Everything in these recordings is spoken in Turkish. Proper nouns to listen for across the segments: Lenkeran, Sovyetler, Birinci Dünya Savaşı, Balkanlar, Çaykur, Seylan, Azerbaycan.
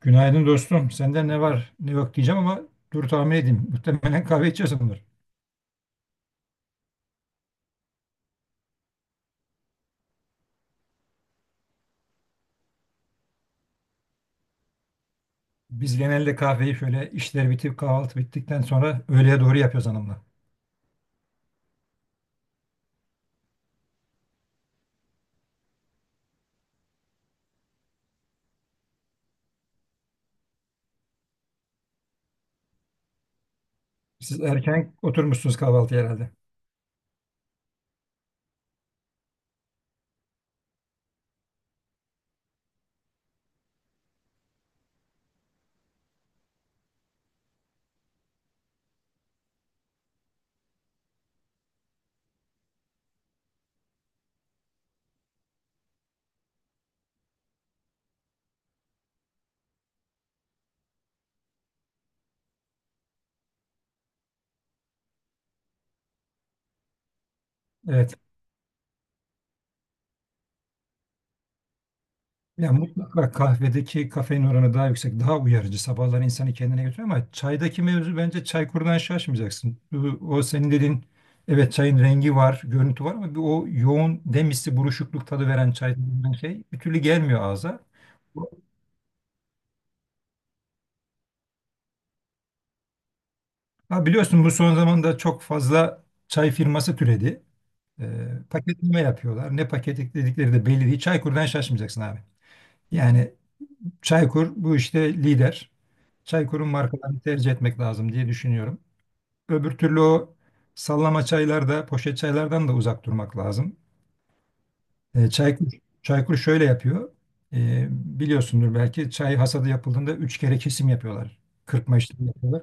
Günaydın dostum. Senden ne var ne yok diyeceğim ama dur tahmin edeyim. Muhtemelen kahve içiyorsundur. Biz genelde kahveyi şöyle işler bitip kahvaltı bittikten sonra öğleye doğru yapıyoruz hanımla. Siz erken oturmuşsunuz kahvaltıya herhalde. Evet. Yani mutlaka kahvedeki kafein oranı daha yüksek, daha uyarıcı. Sabahları insanı kendine götürüyor ama çaydaki mevzu bence çaykurdan şaşmayacaksın. O senin dediğin evet çayın rengi var, görüntü var ama bir o yoğun demisi, buruşukluk tadı veren çay denilen şey bir türlü gelmiyor ağza. Ha, biliyorsun bu son zamanda çok fazla çay firması türedi. Paketleme yapıyorlar. Ne paketledikleri de belli değil. Çaykur'dan şaşmayacaksın abi. Yani Çaykur bu işte lider. Çaykur'un markalarını tercih etmek lazım diye düşünüyorum. Öbür türlü o sallama çaylarda, poşet çaylardan da uzak durmak lazım. Ee, Çaykur, Çaykur şöyle yapıyor. Biliyorsundur belki çay hasadı yapıldığında üç kere kesim yapıyorlar. Kırpma işlemi yapıyorlar.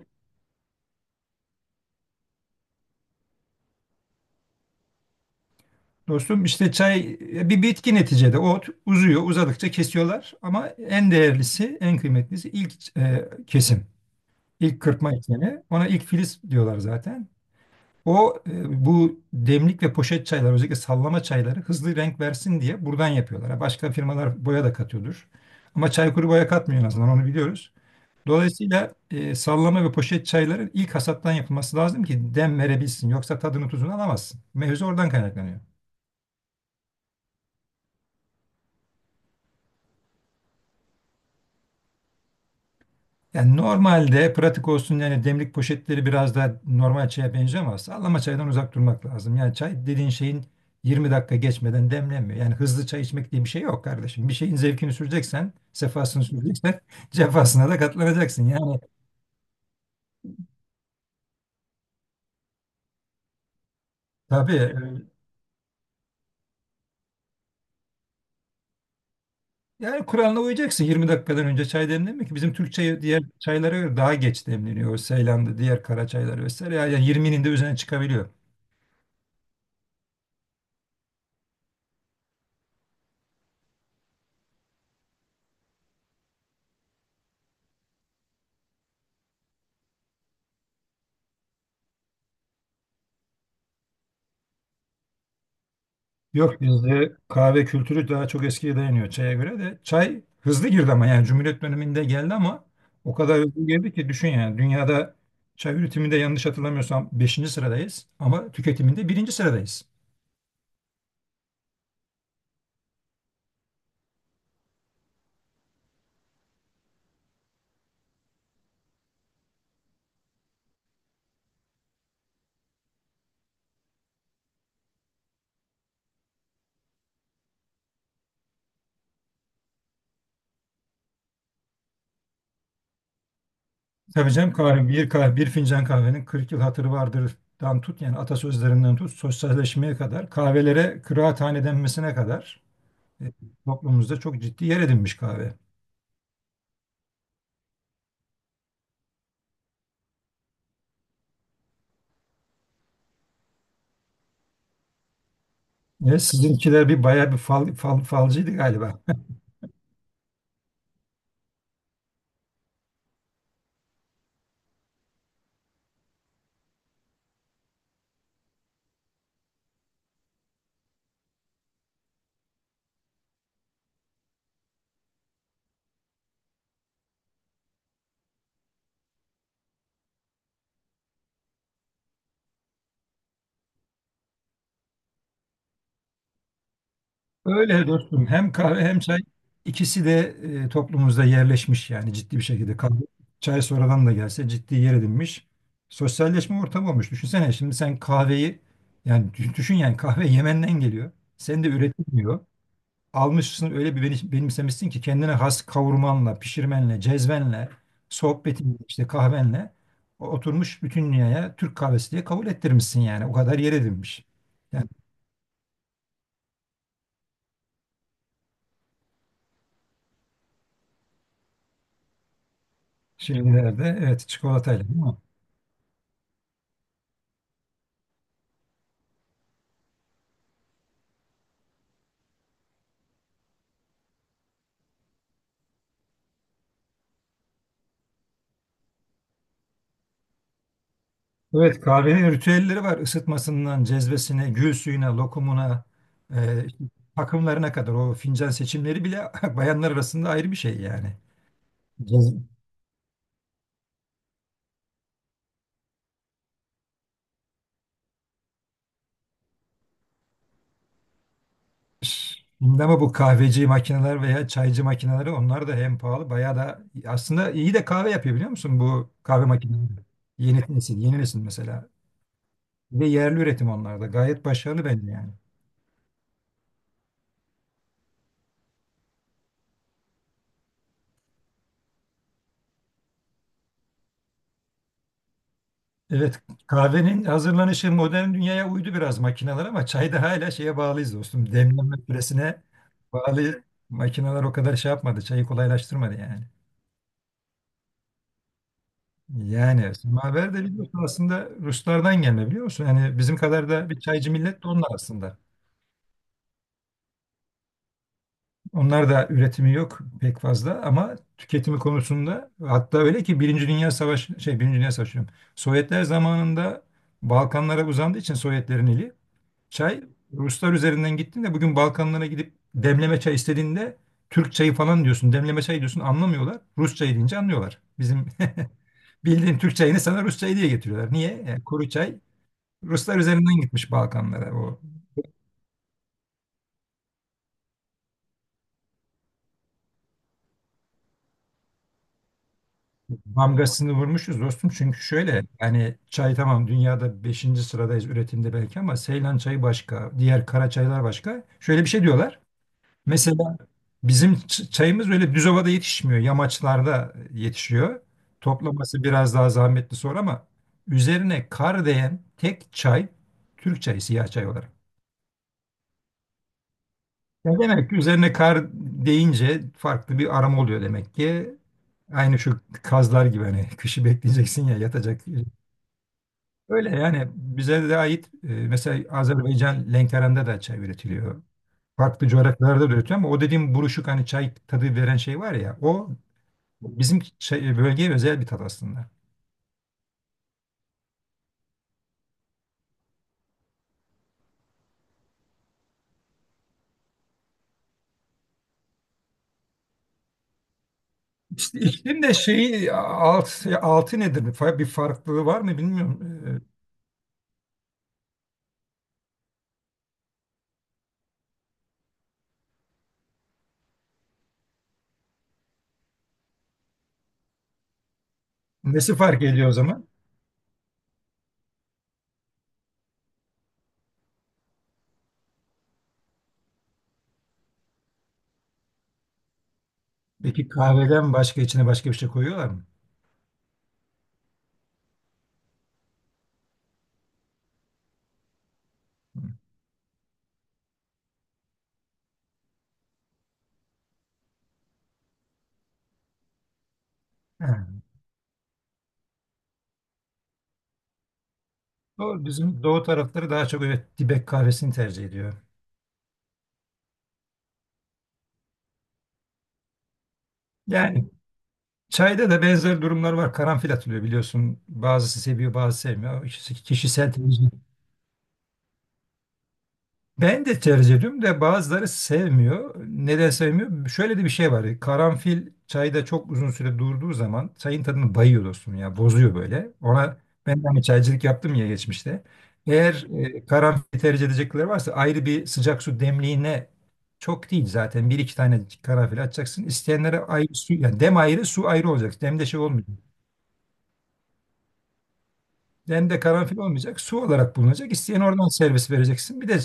Dostum işte çay bir bitki neticede. Uzuyor, uzadıkça kesiyorlar. Ama en değerlisi, en kıymetlisi ilk kesim. İlk kırpma işlemi. Ona ilk filiz diyorlar zaten. O bu demlik ve poşet çaylar, özellikle sallama çayları hızlı renk versin diye buradan yapıyorlar. Ha, başka firmalar boya da katıyordur. Ama Çaykur boya katmıyor, en azından onu biliyoruz. Dolayısıyla sallama ve poşet çayların ilk hasattan yapılması lazım ki dem verebilsin. Yoksa tadını tuzunu alamazsın. Mevzu oradan kaynaklanıyor. Yani normalde pratik olsun yani demlik poşetleri biraz daha normal çaya benziyor ama sallama çaydan uzak durmak lazım. Yani çay dediğin şeyin 20 dakika geçmeden demlenmiyor. Yani hızlı çay içmek diye bir şey yok kardeşim. Bir şeyin zevkini süreceksen, sefasını süreceksen cefasına da katlanacaksın. Tabii e, Yani kuralına uyacaksın, 20 dakikadan önce çay demlenmiyor. Bizim Türk çayı diğer çaylara göre daha geç demleniyor. O Seylan'da diğer kara çaylar vesaire. Yani 20'nin de üzerine çıkabiliyor. Yok, bizde kahve kültürü daha çok eskiye dayanıyor çaya göre de. Çay hızlı girdi ama yani Cumhuriyet döneminde geldi ama o kadar hızlı girdi ki düşün yani dünyada çay üretiminde yanlış hatırlamıyorsam beşinci sıradayız ama tüketiminde birinci sıradayız. Tabii canım kahve, bir fincan kahvenin 40 yıl hatırı vardır'dan tut yani atasözlerinden tut sosyalleşmeye kadar kahvelere kıraathane denmesine kadar e, toplumumuzda çok ciddi yer edinmiş kahve. Evet, sizinkiler bir bayağı bir falcıydı galiba. Öyle dostum. Hem kahve hem çay ikisi de toplumumuzda yerleşmiş yani ciddi bir şekilde. Kahve, çay sonradan da gelse ciddi yer edinmiş. Sosyalleşme ortamı olmuş. Düşünsene şimdi sen kahveyi yani düşün yani kahve Yemen'den geliyor. Sen de üretilmiyor. Almışsın öyle bir benimsemişsin ki kendine has kavurmanla, pişirmenle, cezvenle, sohbetin işte kahvenle oturmuş bütün dünyaya Türk kahvesi diye kabul ettirmişsin yani. O kadar yer edinmiş. Yani şeylerde evet çikolatayla değil mi? Evet, kahvenin ritüelleri var. Isıtmasından cezvesine, gül suyuna, lokumuna, işte takımlarına kadar o fincan seçimleri bile bayanlar arasında ayrı bir şey yani. Cez- Şimdi ama bu kahveci makineler veya çaycı makineleri onlar da hem pahalı bayağı da aslında iyi de kahve yapıyor biliyor musun bu kahve makineleri. Yeni nesil mesela. Ve yerli üretim onlar da gayet başarılı bence yani. Evet, kahvenin hazırlanışı modern dünyaya uydu biraz makineler ama çayda hala şeye bağlıyız dostum. Demleme süresine bağlı, makineler o kadar şey yapmadı, çayı kolaylaştırmadı yani. Yani semaver de biliyorsun aslında Ruslardan gelme, biliyor musun? Yani bizim kadar da bir çaycı millet de onlar aslında. Onlar da üretimi yok pek fazla ama tüketimi konusunda hatta öyle ki Birinci Dünya Savaşı diyorum. Sovyetler zamanında Balkanlara uzandığı için Sovyetlerin eli, çay Ruslar üzerinden gittin de bugün Balkanlara gidip demleme çay istediğinde Türk çayı falan diyorsun. Demleme çayı diyorsun anlamıyorlar. Rus çayı deyince anlıyorlar. Bizim bildiğin Türk çayını sana Rus çayı diye getiriyorlar. Niye? Kuru çay Ruslar üzerinden gitmiş Balkanlara. O damgasını vurmuşuz dostum. Çünkü şöyle yani çay tamam, dünyada beşinci sıradayız üretimde belki ama Seylan çayı başka, diğer kara çaylar başka. Şöyle bir şey diyorlar. Mesela bizim çayımız öyle düz ovada yetişmiyor. Yamaçlarda yetişiyor. Toplaması biraz daha zahmetli sonra ama üzerine kar değen tek çay Türk çayı, siyah çay olarak. Ya demek ki üzerine kar deyince farklı bir aroma oluyor demek ki. Aynı şu kazlar gibi hani kışı bekleyeceksin ya, yatacak. Öyle yani bize de ait mesela Azerbaycan Lenkeran'da da çay üretiliyor, farklı coğrafyalarda da üretiyor ama o dediğim buruşuk hani çay tadı veren şey var ya o bizim şey, bölgeye özel bir tat aslında. İşte iklim de şeyi altı nedir? Bir bir farklılığı var mı bilmiyorum. Nesi fark ediyor o zaman? Peki kahveden başka içine başka bir şey koyuyorlar mı? Ha. Doğru, bizim doğu tarafları daha çok evet dibek kahvesini tercih ediyor. Yani çayda da benzer durumlar var. Karanfil atılıyor biliyorsun. Bazısı seviyor, bazısı sevmiyor. İşte kişisel tercih. Ben de tercih ediyorum da bazıları sevmiyor. Neden sevmiyor? Şöyle de bir şey var. Karanfil çayda çok uzun süre durduğu zaman çayın tadını bayıyor dostum ya. Bozuyor böyle. Ona ben de hani çaycılık yaptım ya geçmişte. Eğer karanfil tercih edecekleri varsa ayrı bir sıcak su demliğine, çok değil zaten, bir iki tane karanfil atacaksın. İsteyenlere ayrı su, yani dem ayrı, su ayrı olacak. Demde şey olmuyor. Dende karanfil olmayacak. Su olarak bulunacak. İsteyen oradan servis vereceksin. Bir de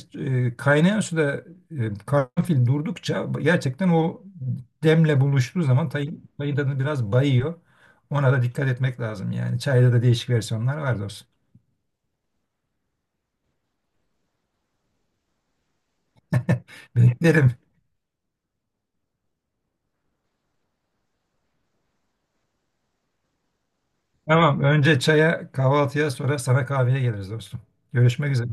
kaynayan suda karanfil durdukça gerçekten o demle buluştuğu zaman tayın tadını biraz bayıyor. Ona da dikkat etmek lazım yani. Çayda da değişik versiyonlar var dostum. Beklerim. Tamam. Önce çaya, kahvaltıya sonra sana kahveye geliriz dostum. Görüşmek üzere.